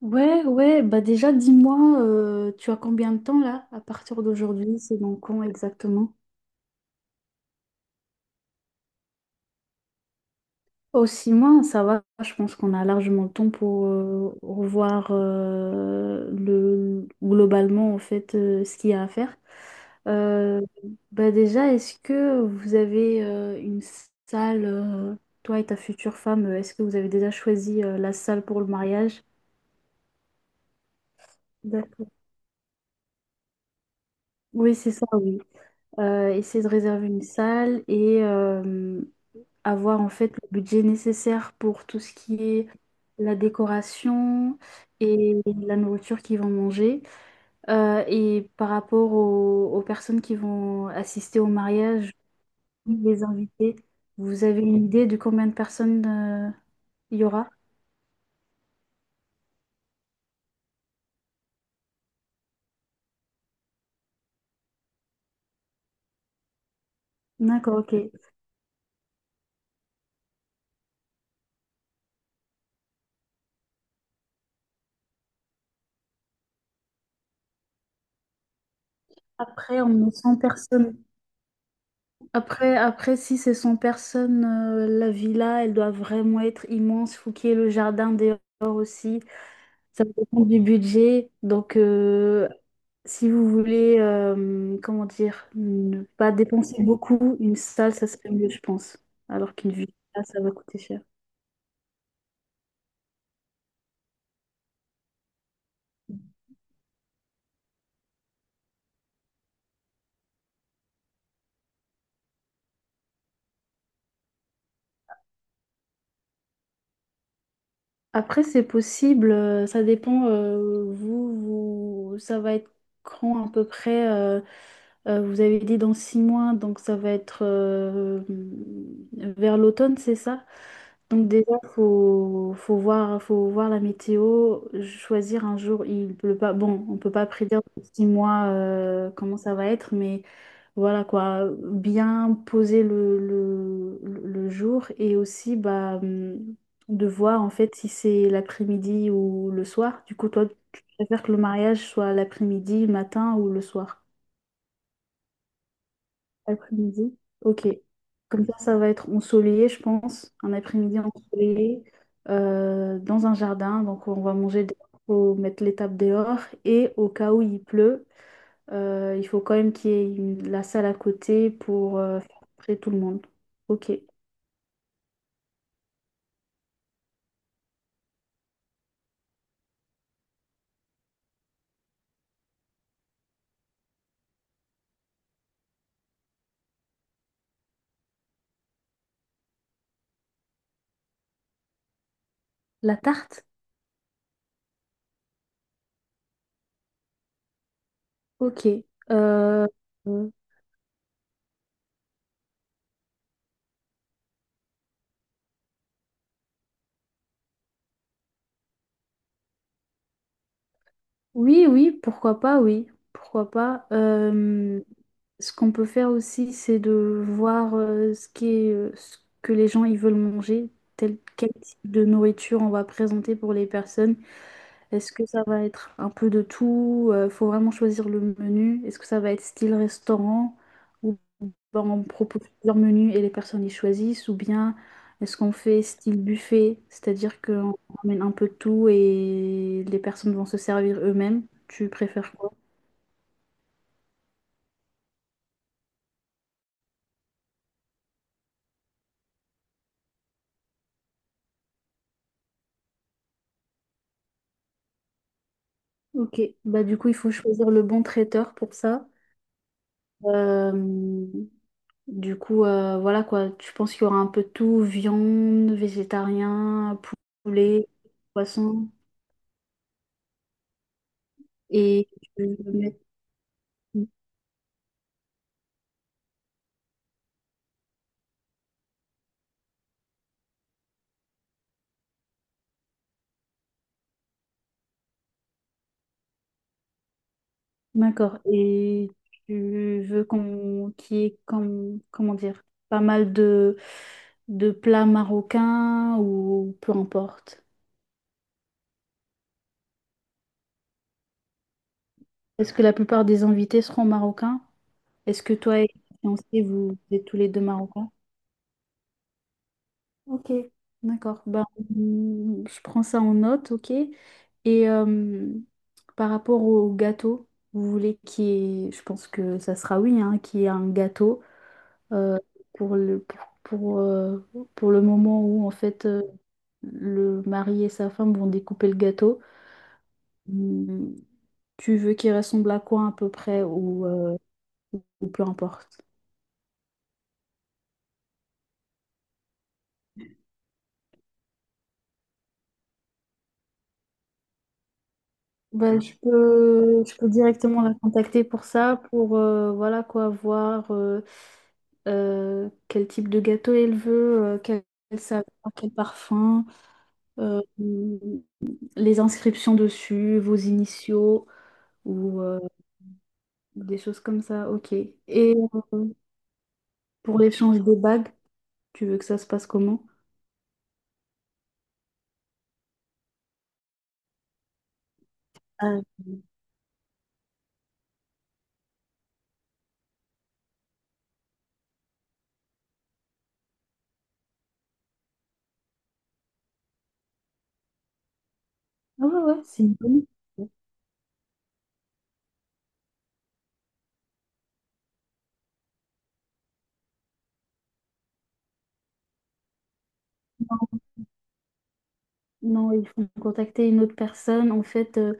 Ouais, ouais, bah déjà dis-moi, tu as combien de temps là à partir d'aujourd'hui? C'est dans quand exactement? Oh, 6 mois, ça va, je pense qu'on a largement le temps pour revoir le, globalement en fait ce qu'il y a à faire. Euh, Bah déjà, est-ce que vous avez une salle, toi et ta future femme, est-ce que vous avez déjà choisi la salle pour le mariage? D'accord. Oui, c'est ça, oui. Essayer de réserver une salle et, avoir en fait le budget nécessaire pour tout ce qui est la décoration et la nourriture qu'ils vont manger. Et par rapport aux personnes qui vont assister au mariage, les invités, vous avez une idée de combien de personnes il y aura? D'accord, ok. Après, on est 100 personnes. Après, si c'est 100 personnes, la villa, elle doit vraiment être immense. Il faut qu'il y ait le jardin dehors aussi. Ça dépend du budget. Donc, si vous voulez, comment dire, ne pas dépenser beaucoup, une salle, ça serait mieux, je pense. Alors qu'une villa, ça va coûter cher. Après, c'est possible, ça dépend, vous, ça va être quand à peu près, vous avez dit dans 6 mois, donc ça va être vers l'automne, c'est ça? Donc déjà, faut voir la météo, choisir un jour, il pleut pas, bon, on peut pas prédire dans 6 mois comment ça va être, mais voilà quoi, bien poser le jour et aussi bah, de voir en fait si c'est l'après-midi ou le soir. Du coup, toi, tu préfères que le mariage soit l'après-midi, le matin ou le soir? Après-midi. Ok. Comme ça va être ensoleillé, je pense. Un après-midi ensoleillé dans un jardin. Donc, on va manger dehors, faut mettre les tables dehors. Et au cas où il pleut, il faut quand même qu'il y ait la salle à côté pour faire entrer tout le monde. Ok. La tarte? Ok. Euh, euh, oui, oui, pourquoi pas, oui. Pourquoi pas. Ce qu'on peut faire aussi, c'est de voir ce que les gens ils veulent manger, quel type de nourriture on va présenter pour les personnes. Est-ce que ça va être un peu de tout? Il faut vraiment choisir le menu. Est-ce que ça va être style restaurant? Bon, on propose plusieurs menus et les personnes y choisissent, ou bien est-ce qu'on fait style buffet, c'est-à-dire qu'on ramène un peu de tout et les personnes vont se servir eux-mêmes. Tu préfères quoi? Ok, bah du coup il faut choisir le bon traiteur pour ça. Euh, du coup voilà quoi, tu penses qu'il y aura un peu de tout, viande, végétarien, poulet, poisson et tu veux mettre- D'accord. Et tu veux qu'il y ait comment dire pas mal de plats marocains ou peu importe. Est-ce que la plupart des invités seront marocains? Est-ce que toi et ton fiancé, vous êtes tous les deux marocains? Ok, d'accord. Ben, je prends ça en note, ok. Et par rapport au gâteau, vous voulez qu'il y ait, je pense que ça sera oui, hein, qu'il y ait un gâteau. euh, pour le, pour, pour, euh, pour le moment où en fait le mari et sa femme vont découper le gâteau. Hmm, Tu veux qu'il ressemble à quoi à peu près ou peu importe? Bah, je peux directement la contacter pour ça, pour voilà quoi, voir quel type de gâteau elle veut, quel saveur, quel parfum, euh, hum, les inscriptions dessus, vos initiaux ou Des choses comme ça, ok. Et euh, pour l'échange des bagues, tu veux que ça se passe comment? Euh, Ah ouais, ouais, c'est une bonne idée. Non, il faut contacter une autre personne. En fait,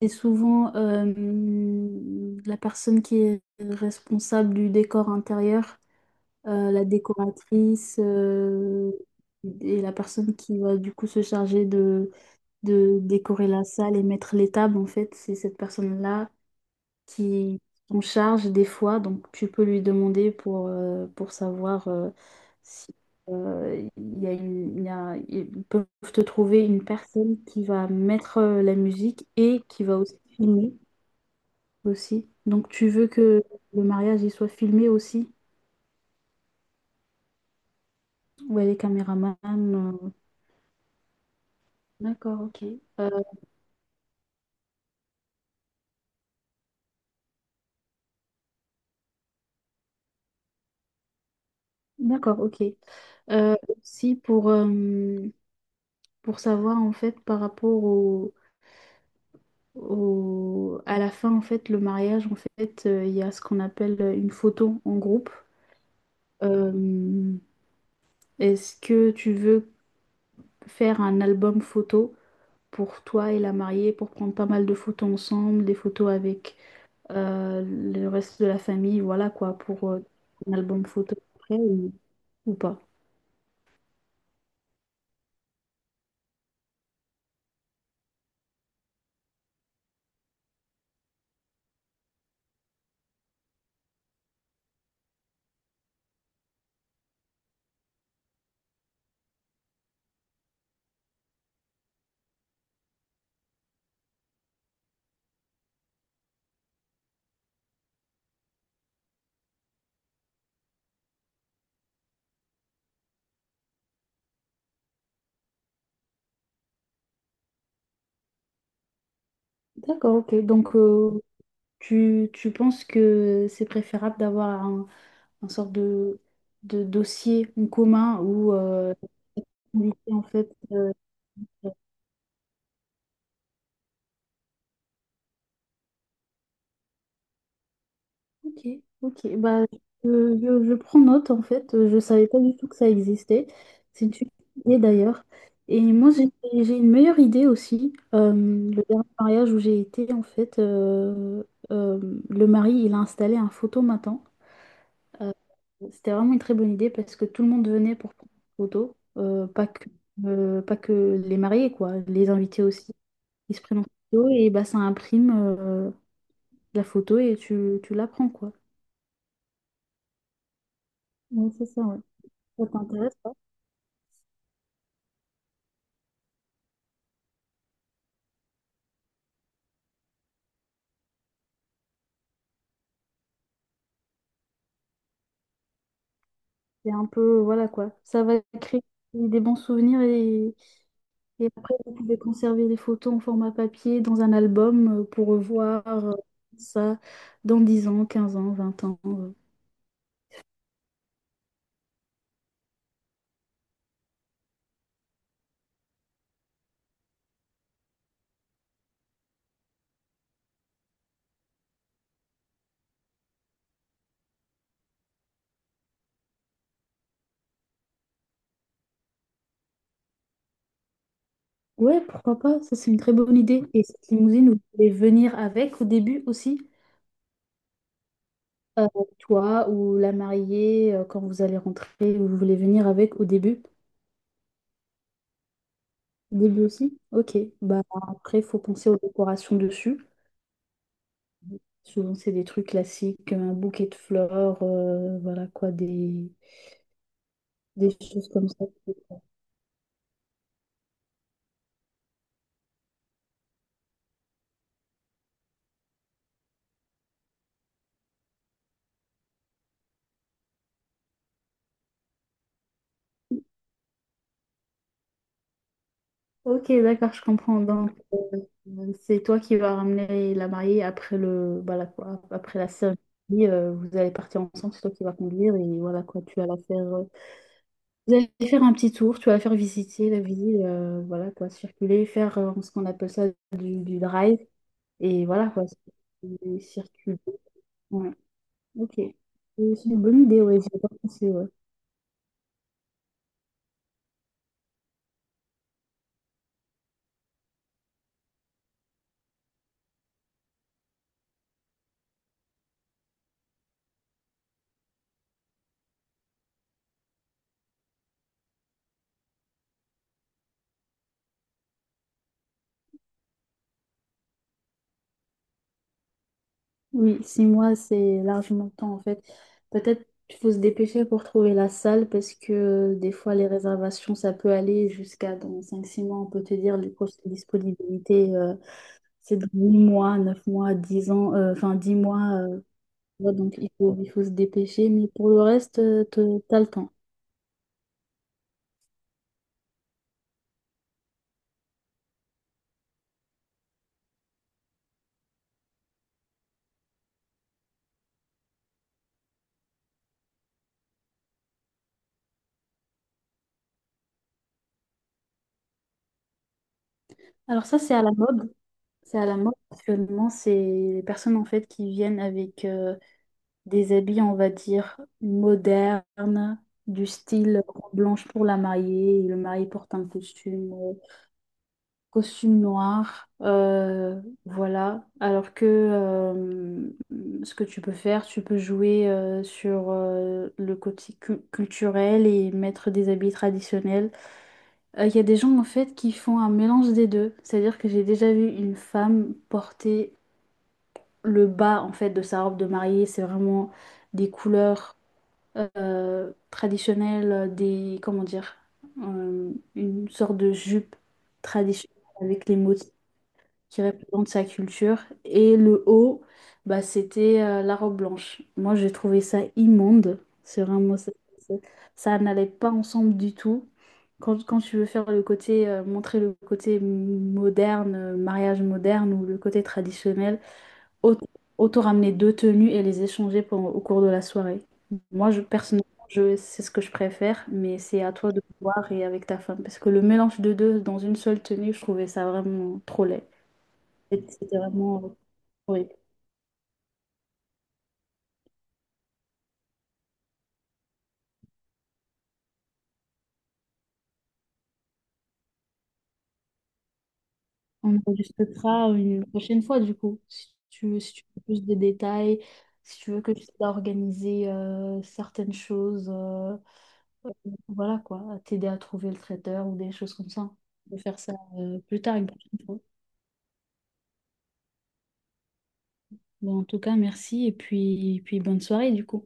c'est souvent la personne qui est responsable du décor intérieur, la décoratrice et la personne qui va du coup se charger de décorer la salle et mettre les tables. En fait, c'est cette personne-là qui en charge des fois, donc tu peux lui demander pour savoir si il y a une- il y a- ils peuvent te trouver une personne qui va mettre la musique et qui va aussi filmer aussi. Donc tu veux que le mariage il soit filmé aussi? Ouais, les caméramans. D'accord, ok. Euh, D'accord, ok. Euh, Aussi pour savoir en fait par rapport au à la fin, en fait, le mariage, en fait, il y a ce qu'on appelle une photo en groupe. Euh, Est-ce que tu veux faire un album photo pour toi et la mariée, pour prendre pas mal de photos ensemble, des photos avec le reste de la famille, voilà quoi, pour un album photo après ou, pas? D'accord, ok. Donc, tu penses que c'est préférable d'avoir un sorte de dossier en commun où Mais en fait, ok, ok, bah, je, je prends note en fait, je savais pas du tout que ça existait. C'est une super idée d'ailleurs. Et moi, j'ai une meilleure idée aussi. Le dernier mariage où j'ai été, en fait, le mari, il a installé un photomaton. Euh, C'était vraiment une très bonne idée parce que tout le monde venait pour prendre des photos. Euh, pas que, pas que les mariés, quoi, les invités aussi. Ils se prennent en photo et bah, ça imprime euh, la photo et tu la prends, quoi. Oui, c'est ça, ouais. Ça t'intéresse pas? C'est un peu, voilà quoi. Ça va créer des bons souvenirs et après, vous pouvez conserver les photos en format papier dans un album pour revoir ça dans 10 ans, 15 ans, 20 ans. Ouais, pourquoi pas? Ça, c'est une très bonne idée. Et cette limousine, vous pouvez venir avec au début aussi. Euh, Toi ou la mariée, quand vous allez rentrer, vous voulez venir avec au début. Au début aussi? Ok. Bah, après, il faut penser aux décorations dessus. Souvent, c'est des trucs classiques, un bouquet de fleurs, voilà quoi, des choses comme ça. Ok, d'accord, je comprends. Donc, c'est toi qui vas ramener la mariée voilà quoi, après la cérémonie. Vous allez partir ensemble, c'est toi qui vas conduire et voilà quoi, tu vas la faire. Vous allez faire un petit tour, tu vas la faire visiter la ville, voilà quoi, circuler, faire ce qu'on appelle ça du drive et voilà quoi, circuler. Circuler. Ouais, ok. Et c'est une bonne idée, ouais, j'y ai pas pensé, ouais. Oui, 6 mois, c'est largement le temps en fait. Peut-être qu'il faut se dépêcher pour trouver la salle parce que des fois les réservations, ça peut aller jusqu'à dans 5-6 mois. On peut te dire les prochaines disponibilités, c'est dans 8 mois, 9 mois, 10 ans, enfin 10 mois. Tu vois, donc il faut se dépêcher. Mais pour le reste, t'as le temps. Alors ça, c'est à la mode. C'est à la mode actuellement. C'est les personnes en fait qui viennent avec des habits, on va dire, modernes, du style robe blanche pour la mariée. Et le mari porte un costume noir. Voilà. Alors que ce que tu peux faire, tu peux jouer sur le côté culturel et mettre des habits traditionnels. Il y a des gens en fait qui font un mélange des deux. C'est-à-dire que j'ai déjà vu une femme porter le bas en fait de sa robe de mariée. C'est vraiment des couleurs traditionnelle comment dire, une sorte de jupe traditionnelle avec les motifs qui représentent sa culture. Et le haut, bah, c'était la robe blanche. Moi, j'ai trouvé ça immonde. C'est vraiment ça. Ça n'allait pas ensemble du tout. Quand tu veux montrer le côté moderne, mariage moderne ou le côté traditionnel, au- Autant ramener deux tenues et les échanger au cours de la soirée. Moi, je, personnellement, je, c'est ce que je préfère, mais c'est à toi de voir et avec ta femme. Parce que le mélange de deux dans une seule tenue, je trouvais ça vraiment trop laid. Et c'était vraiment horrible. On enregistrera une prochaine fois, du coup, si tu veux plus de détails, si tu veux que je t'aide à organiser certaines choses, euh, voilà quoi, à t'aider à trouver le traiteur ou des choses comme ça. On peut faire ça plus tard, une prochaine fois. Bon, en tout cas, merci et puis, bonne soirée du coup.